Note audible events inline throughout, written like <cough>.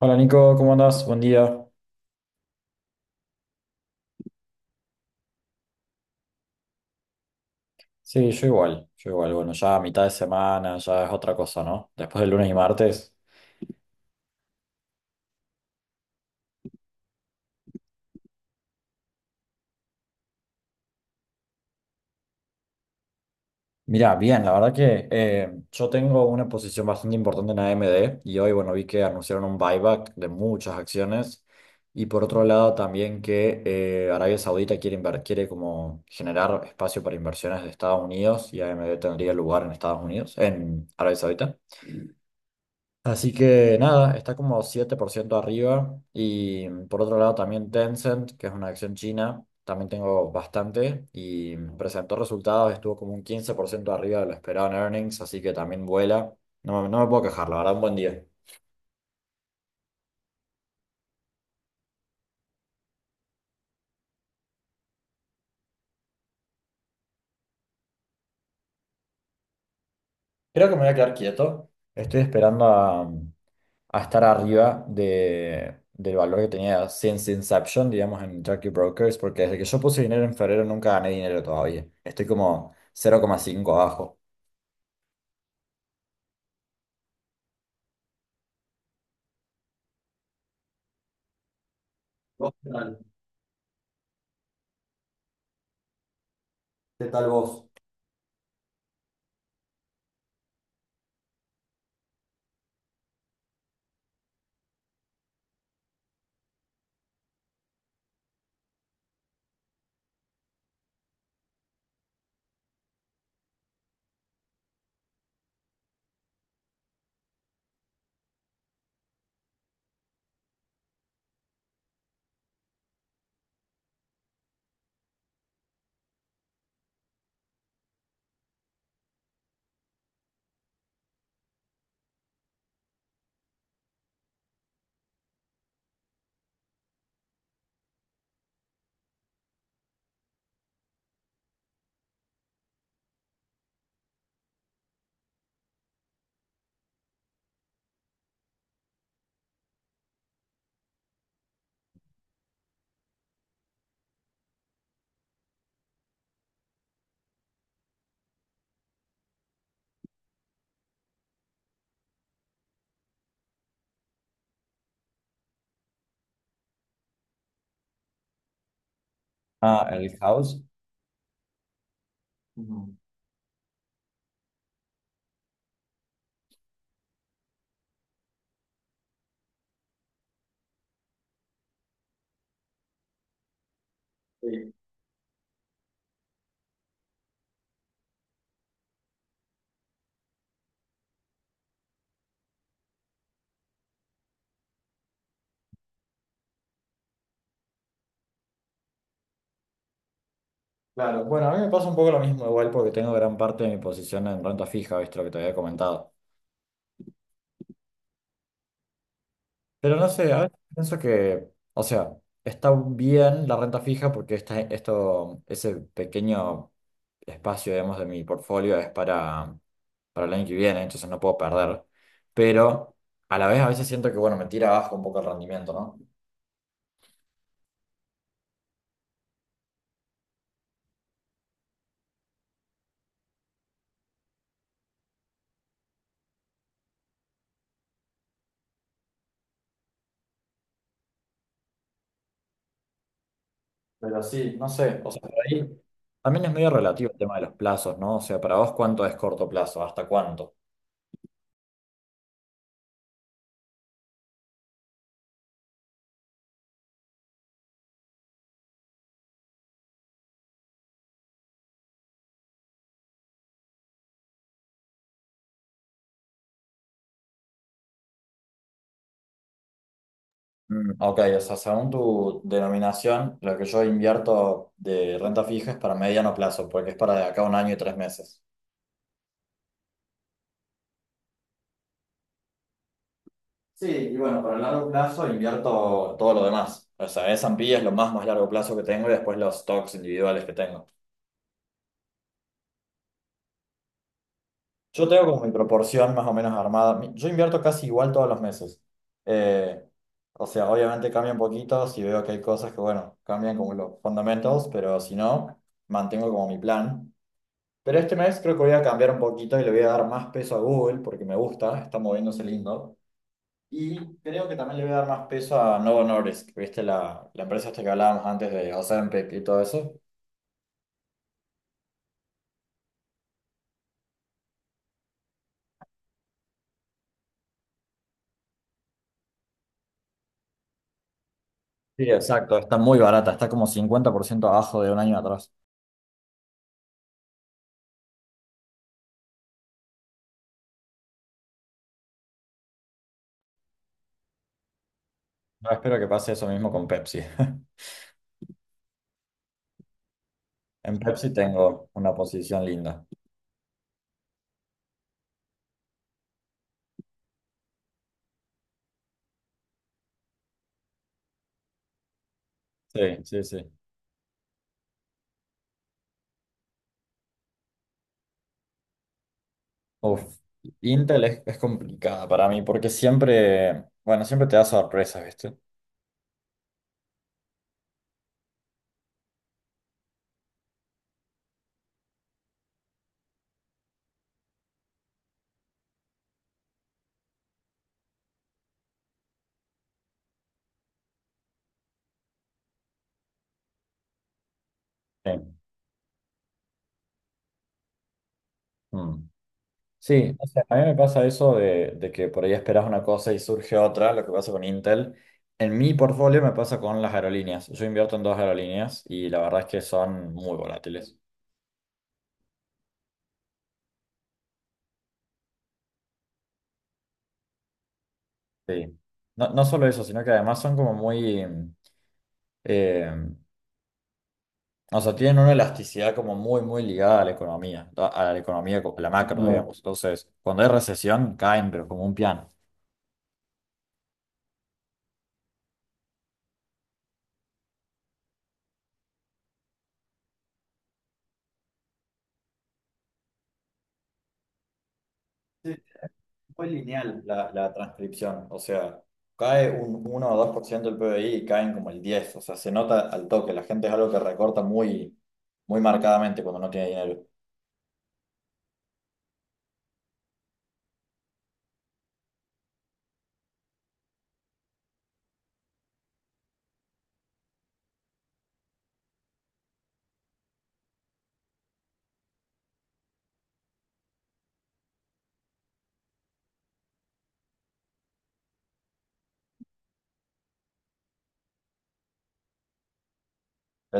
Hola Nico, ¿cómo andás? Buen día. Sí, yo igual, yo igual. Bueno, ya a mitad de semana, ya es otra cosa, ¿no? Después del lunes y martes. Mirá, bien, la verdad que yo tengo una posición bastante importante en AMD y hoy, bueno, vi que anunciaron un buyback de muchas acciones y por otro lado también que Arabia Saudita quiere, quiere como generar espacio para inversiones de Estados Unidos y AMD tendría lugar en Estados Unidos, en Arabia Saudita. Así que nada, está como 7% arriba. Y por otro lado también Tencent, que es una acción china, también tengo bastante y presentó resultados, estuvo como un 15% arriba de lo esperado en earnings, así que también vuela. No, no me puedo quejar, la verdad, un buen día. Creo que me voy a quedar quieto. Estoy esperando a, a estar arriba de, del valor que tenía since Inception, digamos, en Jackie Brokers, porque desde que yo puse dinero en febrero nunca gané dinero todavía. Estoy como cero coma cinco abajo. ¿Qué tal vos? Ah, el house. Ujú. Sí, claro. Bueno, a mí me pasa un poco lo mismo igual porque tengo gran parte de mi posición en renta fija, viste lo que te había comentado. Pero no sé, a veces pienso que, o sea, está bien la renta fija porque esta, esto, ese pequeño espacio, digamos, de mi portfolio es para el año que viene, entonces no puedo perder. Pero a la vez a veces siento que, bueno, me tira abajo un poco el rendimiento, ¿no? Pero sí, no sé, o sea, por ahí también es medio relativo el tema de los plazos, ¿no? O sea, para vos, ¿cuánto es corto plazo? ¿Hasta cuánto? Ok, o sea, según tu denominación, lo que yo invierto de renta fija es para mediano plazo, porque es para de acá a 1 año y 3 meses. Sí, y bueno, para el largo plazo invierto todo lo demás. O sea, S&P es lo más largo plazo que tengo y después los stocks individuales que tengo. Yo tengo como mi proporción más o menos armada. Yo invierto casi igual todos los meses. Eh, o sea, obviamente cambia un poquito si veo que hay cosas que, bueno, cambian como los fundamentos, pero si no, mantengo como mi plan. Pero este mes creo que voy a cambiar un poquito y le voy a dar más peso a Google porque me gusta, está moviéndose lindo. Y creo que también le voy a dar más peso a Novo Nordisk, ¿viste? La empresa esta que hablábamos antes de Ozempic y todo eso. Sí, exacto, está muy barata, está como 50% abajo de un año atrás. Yo espero que pase eso mismo con Pepsi. <laughs> En Pepsi tengo una posición linda. Sí, sí, sí. Uf, Intel es complicada para mí porque siempre, bueno, siempre te da sorpresas, ¿viste? Sí. Mm. Sí, o sea, a mí me pasa eso de que por ahí esperas una cosa y surge otra, lo que pasa con Intel. En mi portfolio me pasa con las aerolíneas. Yo invierto en dos aerolíneas y la verdad es que son muy volátiles. Sí. No, no solo eso, sino que además son como muy... em, o sea, tienen una elasticidad como muy, muy ligada a la economía, a la economía, a la macro, claro, digamos. Entonces, cuando hay recesión, caen, pero como un piano. Sí, es muy lineal la, la transcripción, o sea, cae un 1 o 2% del PBI y caen como el 10, o sea, se nota al toque, la gente es algo que recorta muy, muy marcadamente cuando no tiene dinero.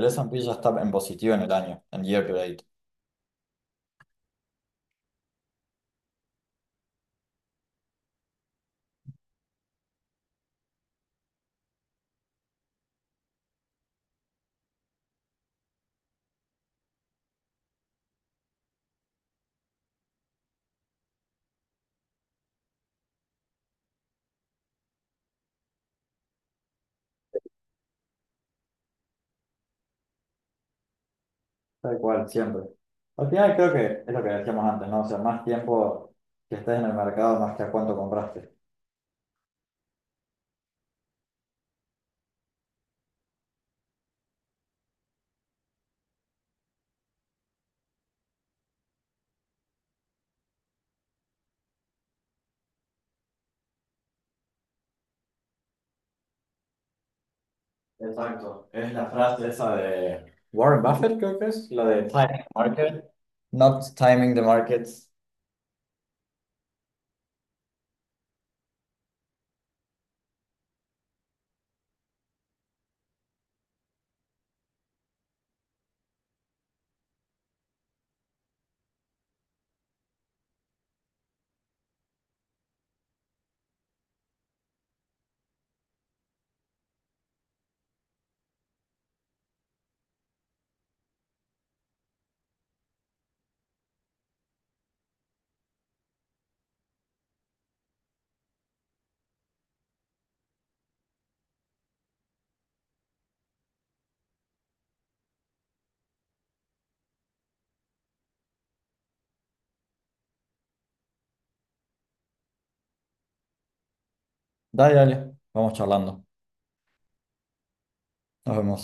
El S&P ya está en positivo en el año, en year to date. Tal cual, siempre. Al final creo que es lo que decíamos antes, ¿no? O sea, más tiempo que estés en el mercado, más que a cuánto compraste. Exacto. Es la frase esa de Warren Buffett, creo que es, la de Timing the Market, not timing the markets. Dale, dale, vamos charlando. Nos vemos.